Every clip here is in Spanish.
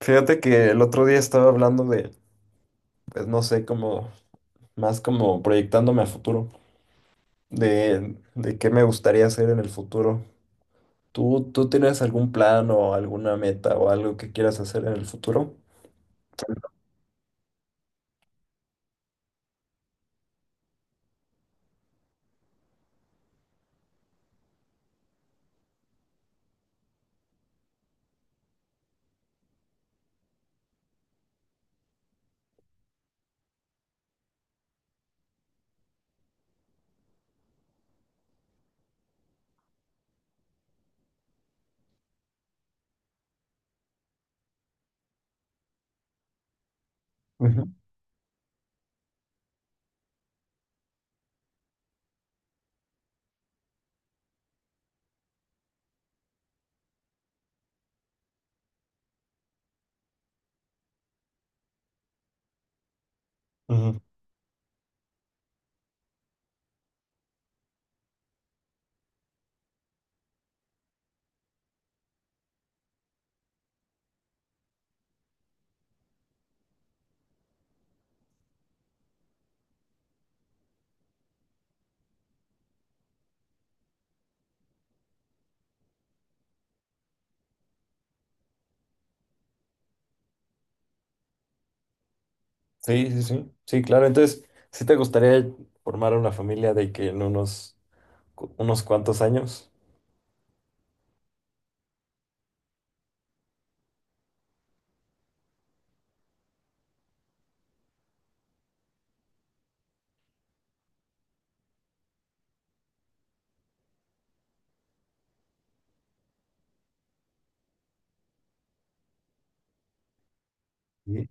Fíjate que el otro día estaba hablando de, pues no sé, como más como proyectándome a futuro, de qué me gustaría hacer en el futuro. ¿Tú tienes algún plan o alguna meta o algo que quieras hacer en el futuro? Ujú, ujú. Sí, sí, sí. Sí, claro. Entonces, ¿sí te gustaría formar una familia de que en unos, unos cuantos años? Sí.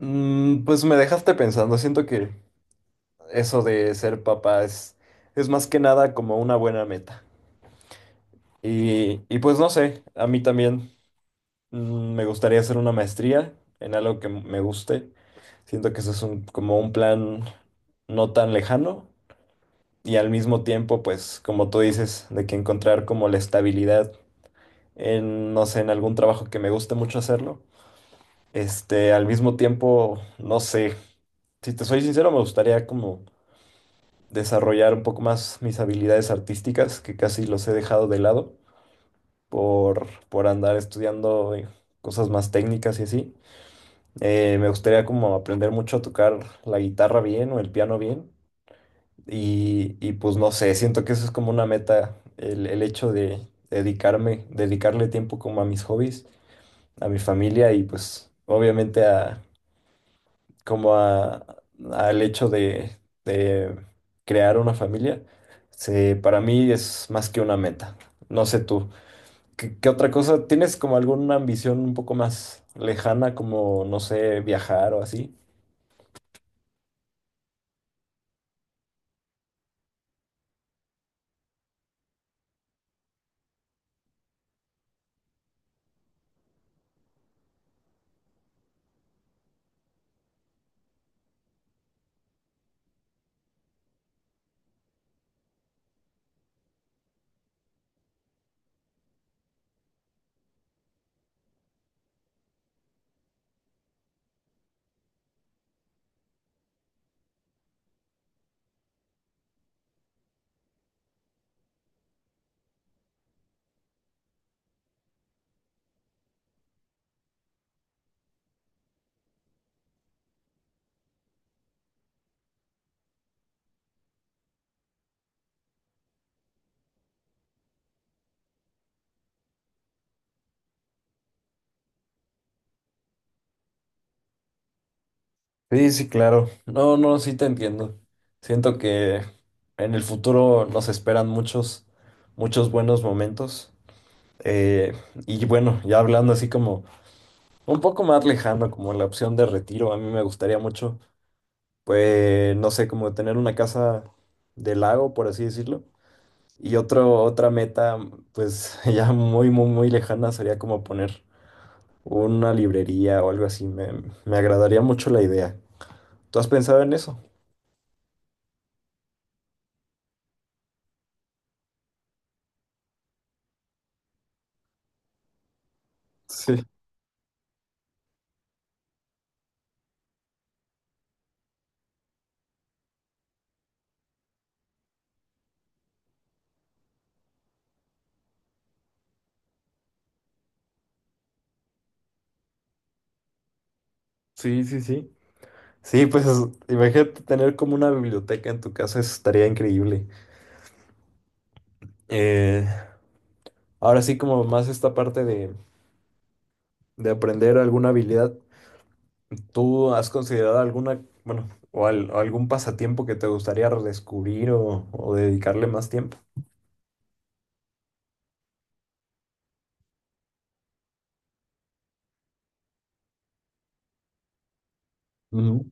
Pues me dejaste pensando. Siento que eso de ser papá es más que nada como una buena meta. Y pues no sé, a mí también me gustaría hacer una maestría en algo que me guste. Siento que ese es un, como un plan no tan lejano y al mismo tiempo, pues como tú dices, de que encontrar como la estabilidad en, no sé, en algún trabajo que me guste mucho hacerlo. Este, al mismo tiempo, no sé, si te soy sincero, me gustaría como desarrollar un poco más mis habilidades artísticas, que casi los he dejado de lado. Por andar estudiando cosas más técnicas y así. Me gustaría como aprender mucho a tocar la guitarra bien o el piano bien. Y pues no sé, siento que eso es como una meta, el hecho de dedicarme, dedicarle tiempo como a mis hobbies, a mi familia y pues obviamente a como a, al hecho de crear una familia. Se, para mí es más que una meta. No sé tú. ¿Qué otra cosa? ¿Tienes como alguna ambición un poco más lejana, como, no sé, viajar o así? Sí, sí, claro. No, no, sí te entiendo. Siento que en el futuro nos esperan muchos, muchos buenos momentos. Eh, y bueno, ya hablando así como un poco más lejano, como la opción de retiro, a mí me gustaría mucho, pues, no sé, como tener una casa de lago, por así decirlo. Y otro, otra meta, pues ya muy, muy, muy lejana sería como poner una librería o algo así. Me agradaría mucho la idea. ¿Tú has pensado en eso? Sí, sí, sí, sí. Sí, pues imagínate tener como una biblioteca en tu casa, eso estaría increíble. Eh, Ahora sí, como más esta parte de aprender alguna habilidad, ¿tú has considerado alguna, bueno, o, o algún pasatiempo que te gustaría redescubrir o dedicarle más tiempo? Ujú.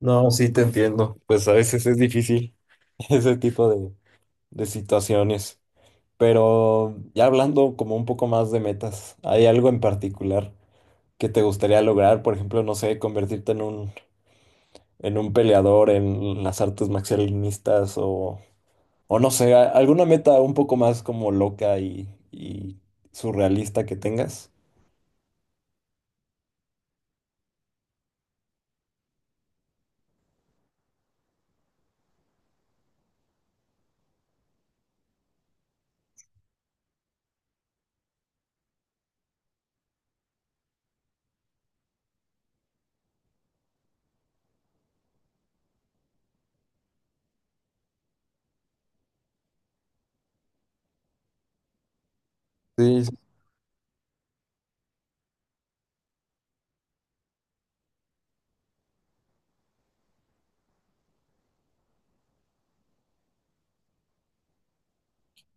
No, sí, te entiendo. Pues a veces es difícil ese tipo de situaciones. Pero ya hablando como un poco más de metas, ¿hay algo en particular que te gustaría lograr? Por ejemplo, no sé, convertirte en un peleador en las artes marcialistas o no sé, alguna meta un poco más como loca y surrealista que tengas. Sí. Sí.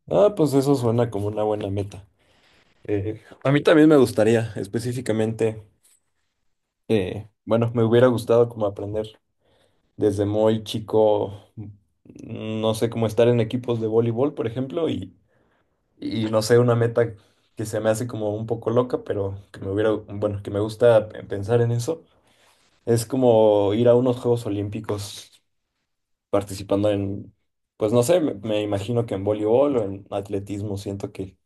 Ah, pues eso suena como una buena meta. A mí también me gustaría, específicamente, bueno, me hubiera gustado como aprender. Desde muy chico, no sé, cómo estar en equipos de voleibol, por ejemplo, y no sé, una meta que se me hace como un poco loca, pero que me hubiera, bueno, que me gusta pensar en eso, es como ir a unos Juegos Olímpicos participando en, pues no sé, me imagino que en voleibol o en atletismo, siento que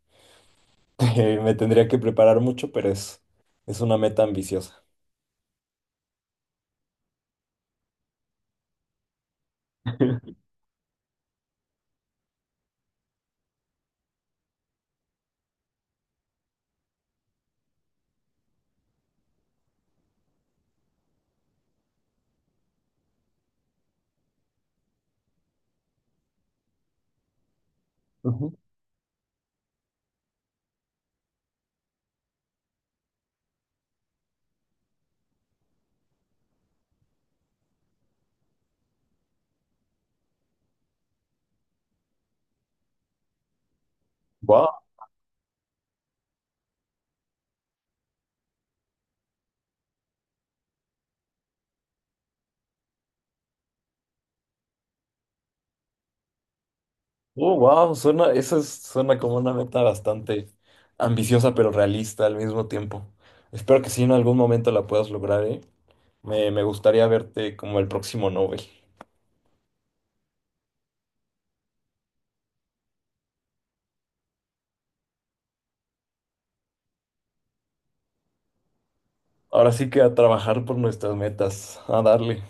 que me tendría que preparar mucho, pero es una meta ambiciosa. Wow. Oh, wow, suena, suena como una meta bastante ambiciosa pero realista al mismo tiempo. Espero que sí en algún momento la puedas lograr, ¿eh? Me gustaría verte como el próximo Nobel. Ahora sí que a trabajar por nuestras metas, a darle.